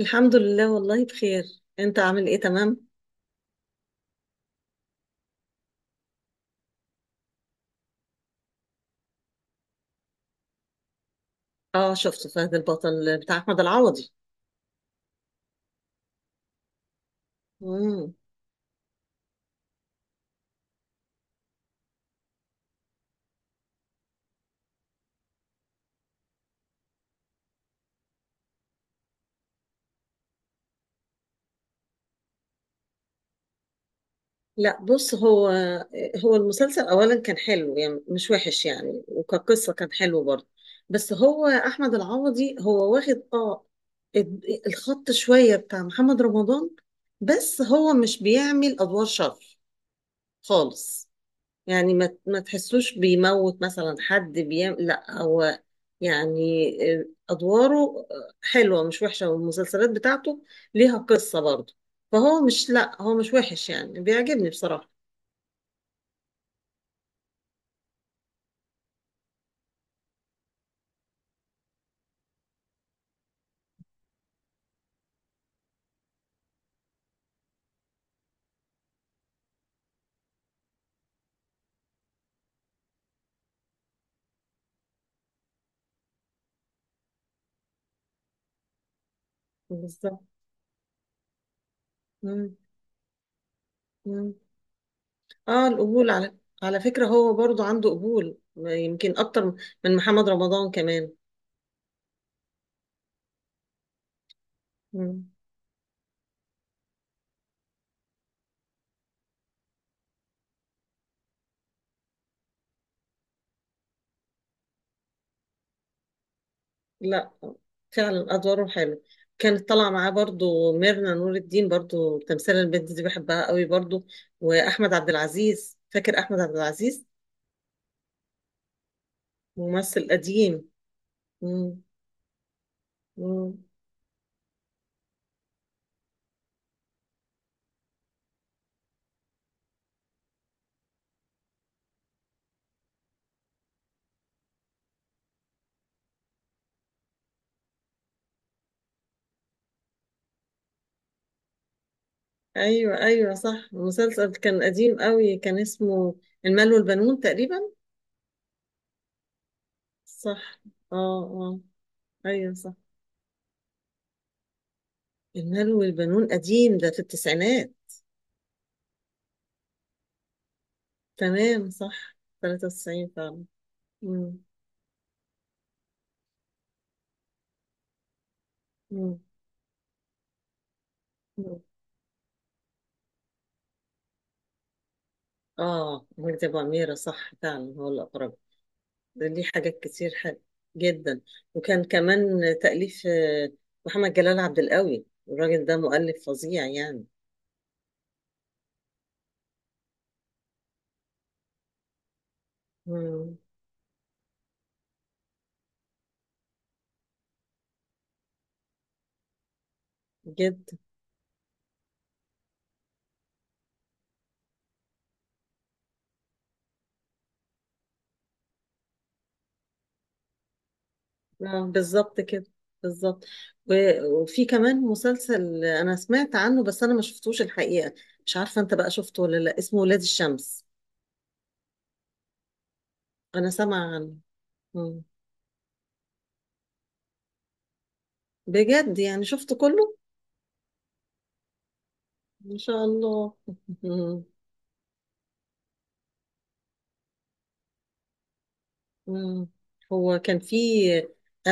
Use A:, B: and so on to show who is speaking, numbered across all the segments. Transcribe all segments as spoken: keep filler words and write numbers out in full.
A: الحمد لله، والله بخير. انت عامل ايه؟ تمام. اه، شفت فهد البطل بتاع احمد العوضي. مم. لا، بص، هو هو المسلسل اولا كان حلو، يعني مش وحش، يعني وكقصة كان حلو برضه. بس هو احمد العوضي هو واخد اه ال- الخط شوية بتاع محمد رمضان. بس هو مش بيعمل ادوار شر خالص. يعني ما ما تحسوش بيموت مثلا حد بيعمل، لا هو يعني آه، ادواره آه، حلوه مش وحشه، والمسلسلات بتاعته ليها قصه برضه. فهو مش، لا هو مش وحش، يعني بيعجبني بصراحه. بالظبط. مم. مم. اه، القبول، على على فكره هو برضه عنده قبول يمكن اكتر من محمد رمضان كمان. مم. لا فعلا ادواره حلو، كانت طالعه معاه برضو ميرنا نور الدين، برضو تمثال البنت دي بحبها قوي برضو. واحمد عبد العزيز، فاكر احمد عبد العزيز؟ ممثل قديم. مم. مم. ايوه، ايوه، صح، المسلسل كان قديم قوي، كان اسمه المال والبنون تقريبا. صح. اه. اه. ايوه صح، المال والبنون قديم، ده في التسعينات. تمام صح، ثلاثة وتسعين فعلا. مم. مم. اه، وجدي ابو اميره، صح فعلا هو الاقرب. ده ليه حاجات كتير حلوه جدا. وكان كمان تاليف آه، محمد جلال عبد القوي، الراجل ده مؤلف فظيع يعني. مم. جدا. آه بالظبط كده، بالظبط. و- وفي كمان مسلسل انا سمعت عنه، بس انا ما شفتوش الحقيقه. مش عارفه انت بقى شفته ولا لا، اسمه ولاد الشمس. انا سامعه عنه. مم. بجد يعني شفته كله؟ ان شاء الله. مم. هو كان في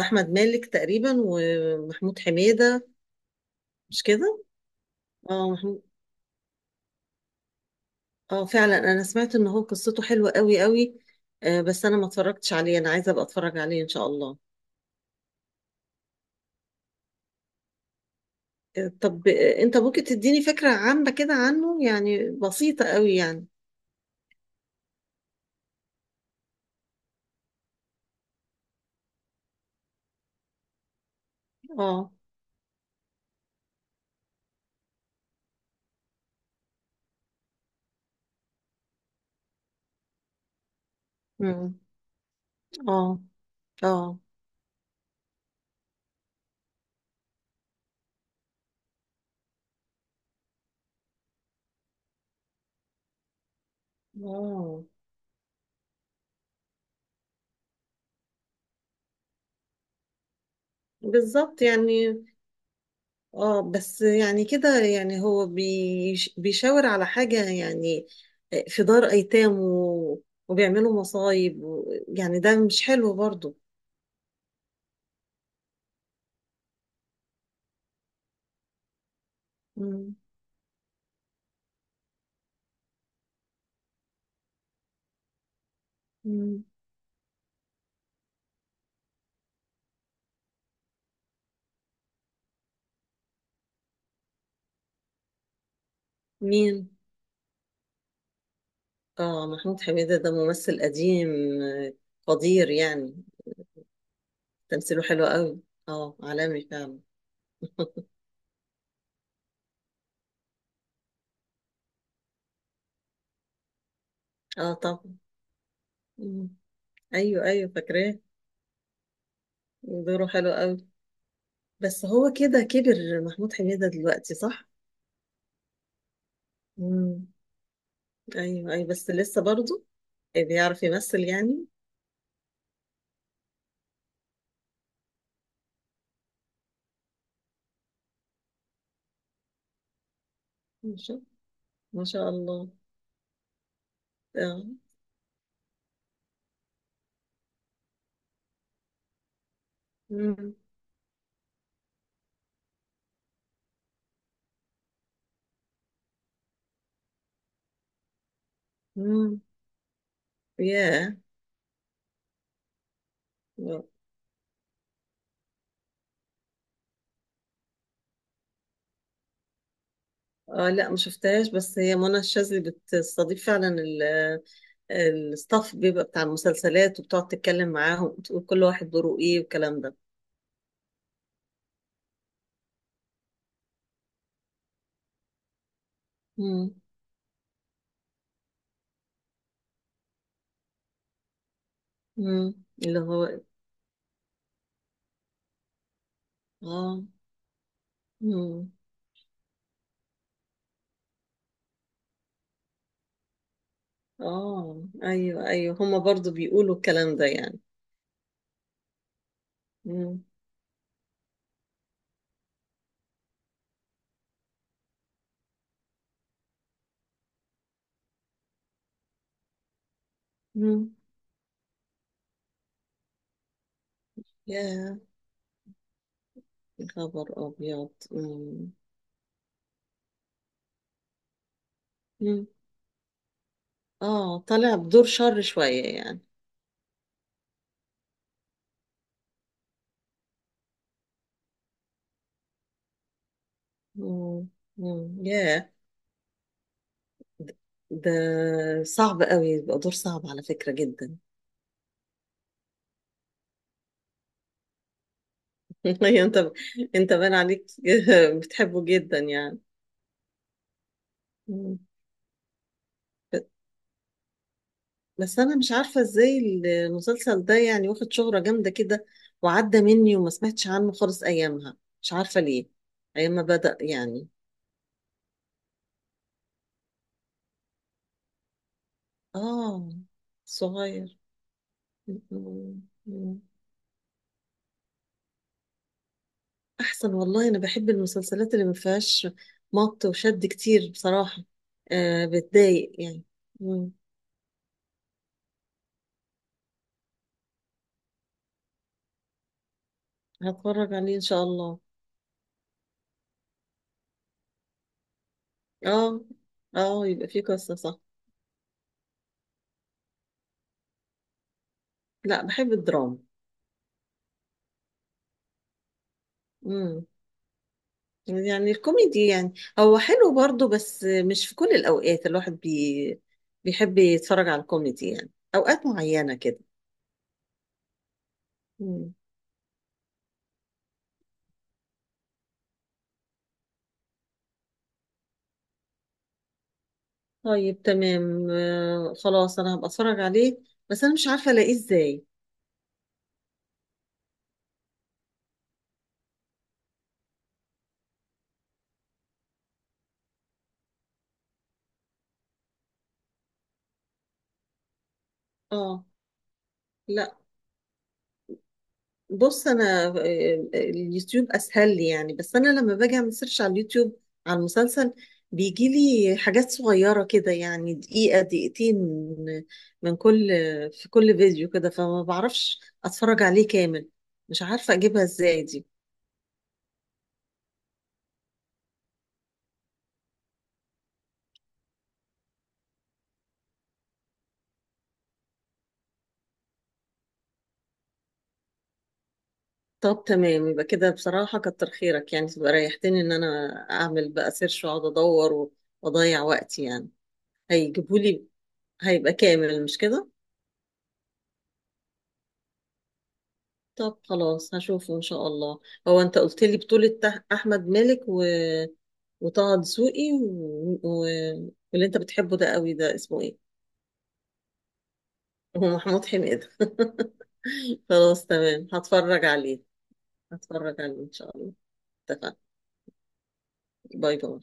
A: احمد مالك تقريبا، ومحمود حميدة، مش كده؟ اه محمود. اه فعلا انا سمعت ان هو قصته حلوة قوي قوي. آه، بس انا ما اتفرجتش عليه، انا عايزة ابقى اتفرج عليه ان شاء الله. آه، طب آه، انت ممكن تديني فكرة عامة كده عنه؟ يعني بسيطة قوي يعني. اه. مم. اه. اه. اه. بالظبط يعني. اه، بس يعني كده، يعني هو بيش بيشاور على حاجة يعني. آه، في دار أيتام و... وبيعملوا مصايب، و... يعني ده مش حلو برضو. مم. مم. مين؟ اه، محمود حميدة ده ممثل قديم، آه، قدير يعني. تمثيله حلو قوي. اه، عالمي فعلا. اه طبعا. مم. ايوه ايوه فاكراه. دوره حلو قوي. بس هو كده كبر محمود حميدة دلوقتي، صح؟ مم. ايوه، ايوه، بس لسه برضو بيعرف يمثل يعني. ما شاء ما شاء الله. اه. امم امم ياه. اه، لا ما شفتهاش، بس هي منى الشاذلي بتستضيف فعلا ال- الستاف، بيبقى بتاع المسلسلات، وبتقعد تتكلم معاهم وتقول كل واحد دوره ايه، والكلام ده. امم امم اللي هو، اه، امم اه، ايوه ايوه هما برضو بيقولوا الكلام ده يعني. امم امم ياه، يا خبر ابيض. امم مم. اه، طالع بدور شر شوية يعني. مم. مم. ياه. ده ده صعب قوي، يبقى دور صعب على فكرة جدا. أيوة، انت انت باين عليك. بتحبه جدا يعني. مم. ب- بس انا مش عارفة ازاي المسلسل ده يعني واخد شهرة جامدة كده، وعدى مني وما سمعتش عنه خالص ايامها، مش عارفة ليه، ايام ما بدأ يعني. اه. صغير. مم. مم. احسن والله، انا بحب المسلسلات اللي ما فيهاش مط وشد كتير بصراحه. آه بتضايق يعني. مم. هتفرج عليه ان شاء الله. اه. اه يبقى فيه قصه، صح. لا بحب الدراما. مم. يعني الكوميدي يعني هو حلو برضو، بس مش في كل الاوقات الواحد بي... بيحب يتفرج على الكوميدي، يعني اوقات معينه كده. مم. طيب تمام، آه خلاص انا هبقى اتفرج عليه. بس انا مش عارفه الاقيه ازاي. اه. لا بص، انا آه، اليوتيوب اسهل لي يعني، بس انا لما باجي اعمل سيرش على اليوتيوب على المسلسل، بيجي لي حاجات صغيره كده يعني، دقيقه دقيقتين من من كل، في كل فيديو كده، فما بعرفش اتفرج عليه كامل، مش عارفه اجيبها ازاي دي. طب تمام، يبقى كده بصراحه كتر خيرك يعني، تبقى ريحتني ان انا اعمل بقى سيرش واقعد ادور واضيع وقتي يعني. هيجيبولي هيبقى كامل، مش كده؟ طب خلاص، هشوفه ان شاء الله. هو انت قلت لي بطولة تح- احمد مالك، و- وطه دسوقي، و... و... واللي انت بتحبه ده قوي، ده اسمه ايه؟ هو محمود حميدة. خلاص تمام هتفرج عليه. هتفرج عليه ان شاء الله. اتفقنا. باي باي.